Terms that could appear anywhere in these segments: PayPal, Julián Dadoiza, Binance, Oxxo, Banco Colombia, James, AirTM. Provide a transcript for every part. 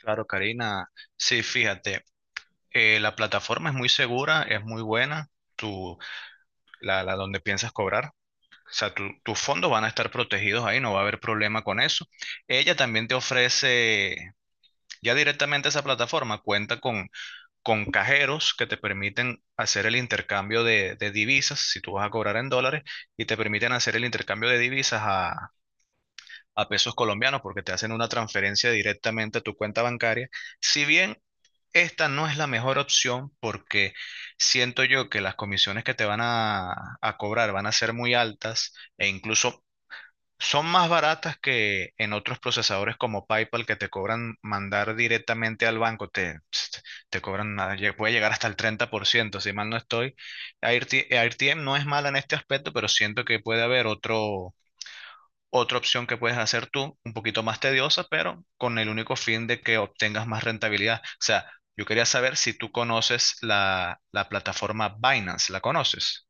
Claro, Karina. Sí, fíjate, la plataforma es muy segura, es muy buena. tú, la donde piensas cobrar. O sea, tus fondos van a estar protegidos ahí, no va a haber problema con eso. Ella también te ofrece, ya directamente esa plataforma cuenta con cajeros que te permiten hacer el intercambio de divisas, si tú vas a cobrar en dólares, y te permiten hacer el intercambio de divisas a pesos colombianos, porque te hacen una transferencia directamente a tu cuenta bancaria. Si bien, esta no es la mejor opción, porque siento yo que las comisiones que te van a cobrar van a ser muy altas, e incluso son más baratas que en otros procesadores como PayPal, que te cobran mandar directamente al banco. Te cobran, nada, puede llegar hasta el 30%, si mal no estoy. AirTM no es mala en este aspecto, pero siento que puede haber otra opción que puedes hacer tú, un poquito más tediosa, pero con el único fin de que obtengas más rentabilidad. O sea, yo quería saber si tú conoces la plataforma Binance. ¿La conoces?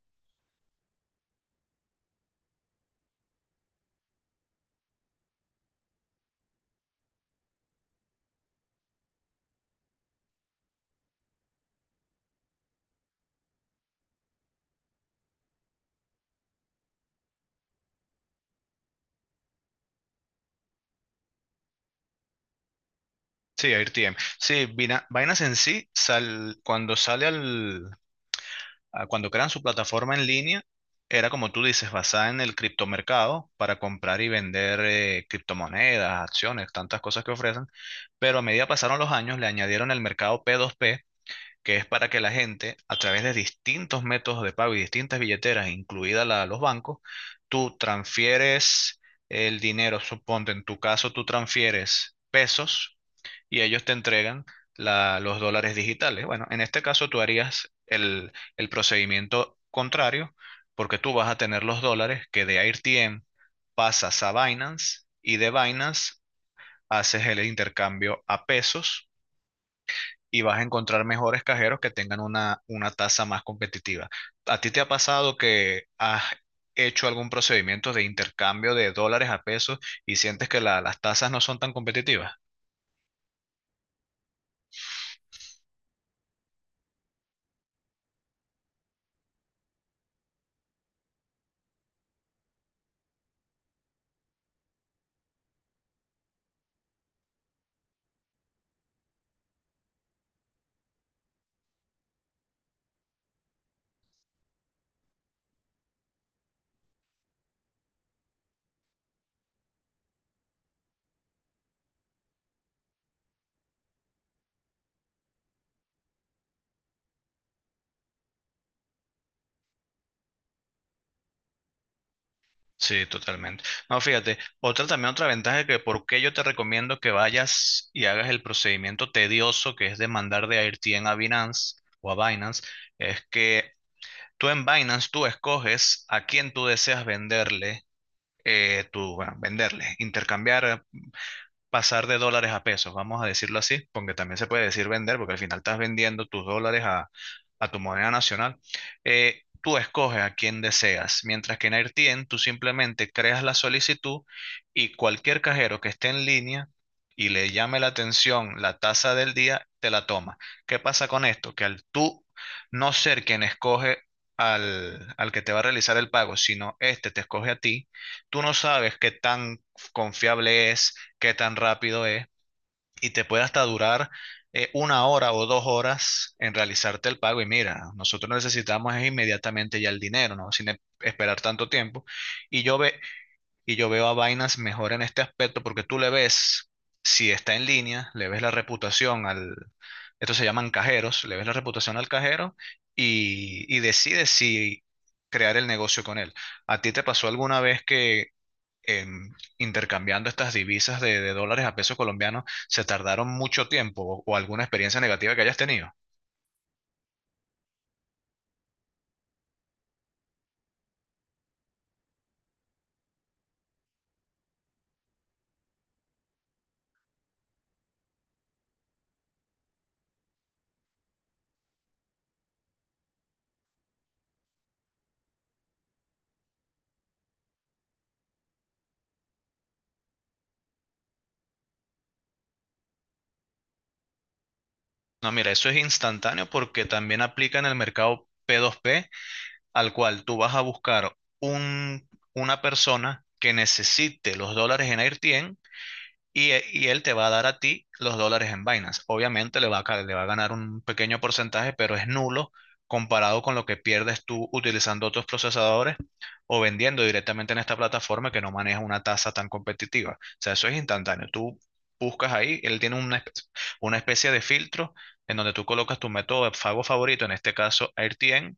Sí, AirTM. Sí, Binance en sí, sal- cuando sale al, a- cuando crean su plataforma en línea, era como tú dices, basada en el criptomercado para comprar y vender, criptomonedas, acciones, tantas cosas que ofrecen. Pero a medida pasaron los años, le añadieron el mercado P2P, que es para que la gente, a través de distintos métodos de pago y distintas billeteras, incluida la de los bancos, tú transfieres el dinero. Suponte, en tu caso tú transfieres pesos y ellos te entregan los dólares digitales. Bueno, en este caso tú harías el procedimiento contrario, porque tú vas a tener los dólares que de AirTM pasas a Binance, y de Binance haces el intercambio a pesos, y vas a encontrar mejores cajeros que tengan una tasa más competitiva. ¿A ti te ha pasado que has hecho algún procedimiento de intercambio de dólares a pesos y sientes que las tasas no son tan competitivas? Sí, totalmente. No, fíjate, otra también otra ventaja, que por qué yo te recomiendo que vayas y hagas el procedimiento tedioso, que es de mandar de AirTM a Binance, o a Binance, es que tú en Binance tú escoges a quién tú deseas venderle, bueno, venderle, intercambiar, pasar de dólares a pesos, vamos a decirlo así, porque también se puede decir vender, porque al final estás vendiendo tus dólares a tu moneda nacional. Tú escoges a quien deseas, mientras que en AirTien tú simplemente creas la solicitud, y cualquier cajero que esté en línea y le llame la atención la tasa del día, te la toma. ¿Qué pasa con esto? Que al tú no ser quien escoge al que te va a realizar el pago, sino este te escoge a ti, tú no sabes qué tan confiable es, qué tan rápido es, y te puede hasta durar, 1 hora o 2 horas en realizarte el pago. Y mira, nosotros necesitamos es inmediatamente ya el dinero, ¿no? Sin esperar tanto tiempo. Y yo, ve, y yo veo a Binance mejor en este aspecto, porque tú le ves, si está en línea, le ves la reputación esto se llaman cajeros, le ves la reputación al cajero y decides si crear el negocio con él. ¿A ti te pasó alguna vez que, intercambiando estas divisas de dólares a pesos colombianos, se tardaron mucho tiempo, o alguna experiencia negativa que hayas tenido? No, mira, eso es instantáneo, porque también aplica en el mercado P2P, al cual tú vas a buscar un, una persona que necesite los dólares en AirTien, y él te va a dar a ti los dólares en Binance. Obviamente le va a ganar un pequeño porcentaje, pero es nulo comparado con lo que pierdes tú utilizando otros procesadores, o vendiendo directamente en esta plataforma que no maneja una tasa tan competitiva. O sea, eso es instantáneo. Tú buscas ahí, él tiene una especie, de filtro en donde tú colocas tu método de pago favorito, en este caso AirTM,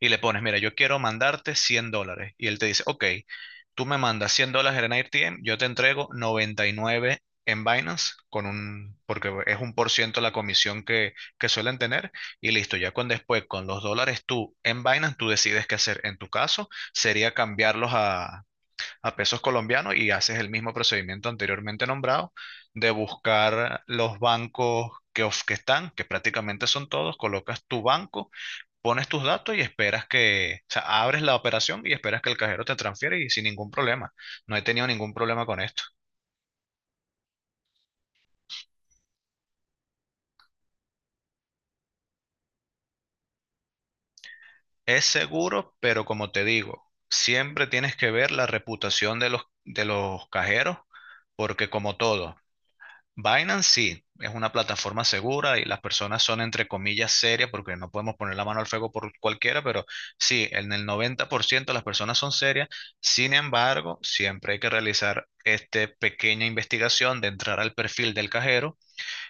y le pones, mira, yo quiero mandarte $100. Y él te dice, ok, tú me mandas $100 en ARTM, yo te entrego 99 en Binance, porque es 1% la comisión que suelen tener. Y listo, ya con los dólares tú en Binance, tú decides qué hacer. En tu caso, sería cambiarlos a pesos colombianos, y haces el mismo procedimiento anteriormente nombrado, de buscar los bancos que están, que prácticamente son todos, colocas tu banco, pones tus datos y esperas o sea, abres la operación y esperas que el cajero te transfiera, y sin ningún problema. No he tenido ningún problema con esto. Es seguro, pero como te digo, siempre tienes que ver la reputación de los cajeros, porque, como todo, Binance sí es una plataforma segura, y las personas son entre comillas serias, porque no podemos poner la mano al fuego por cualquiera, pero sí, en el 90% las personas son serias. Sin embargo, siempre hay que realizar esta pequeña investigación de entrar al perfil del cajero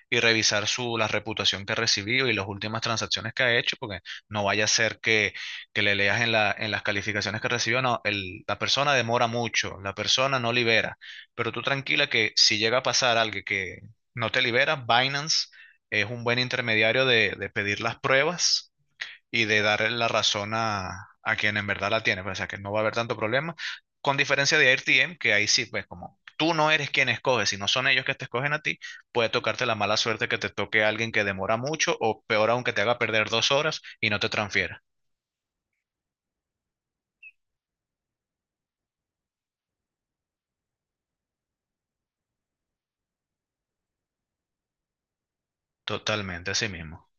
y revisar la reputación que ha recibido y las últimas transacciones que ha hecho, porque no vaya a ser que le leas en las calificaciones que recibió, no, la persona demora mucho, la persona no libera. Pero tú tranquila, que si llega a pasar algo que no te libera, Binance es un buen intermediario de pedir las pruebas y de dar la razón a quien en verdad la tiene, pues, o sea que no va a haber tanto problema, con diferencia de AirTM, que ahí sí, pues como tú no eres quien escoge, si no son ellos que te escogen a ti, puede tocarte la mala suerte que te toque a alguien que demora mucho, o peor aún, que te haga perder 2 horas y no te transfiera. Totalmente, así mismo.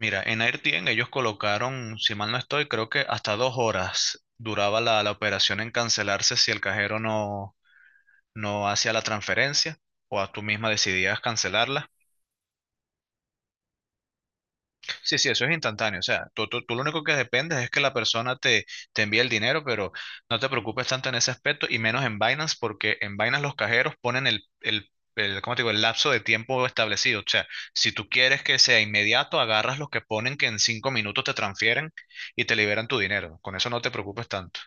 Mira, en AirTM ellos colocaron, si mal no estoy, creo que hasta 2 horas duraba la operación en cancelarse, si el cajero no hacía la transferencia, o a tú misma decidías cancelarla. Sí, sí, eso es instantáneo. O sea, tú lo único que dependes es que la persona te envíe el dinero, pero no te preocupes tanto en ese aspecto, y menos en Binance, porque en Binance los cajeros ponen ¿cómo te digo? El lapso de tiempo establecido. O sea, si tú quieres que sea inmediato, agarras los que ponen que en 5 minutos te transfieren y te liberan tu dinero. Con eso no te preocupes tanto.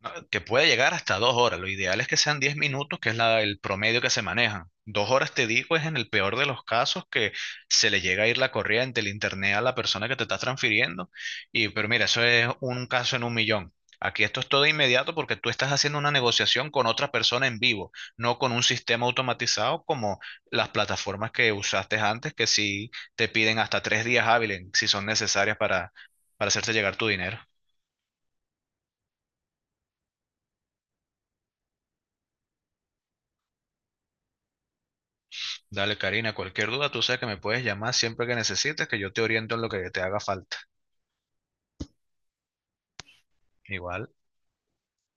No, que puede llegar hasta 2 horas. Lo ideal es que sean 10 minutos, que es el promedio que se maneja. 2 horas, te digo, es en el peor de los casos, que se le llega a ir la corriente, el internet, a la persona que te está transfiriendo. Pero mira, eso es un caso en un millón. Aquí esto es todo inmediato, porque tú estás haciendo una negociación con otra persona en vivo, no con un sistema automatizado como las plataformas que usaste antes, que sí te piden hasta 3 días hábiles, si son necesarias para hacerte llegar tu dinero. Dale, Karina, cualquier duda, tú sabes que me puedes llamar siempre que necesites, que yo te oriento en lo que te haga falta. Igual.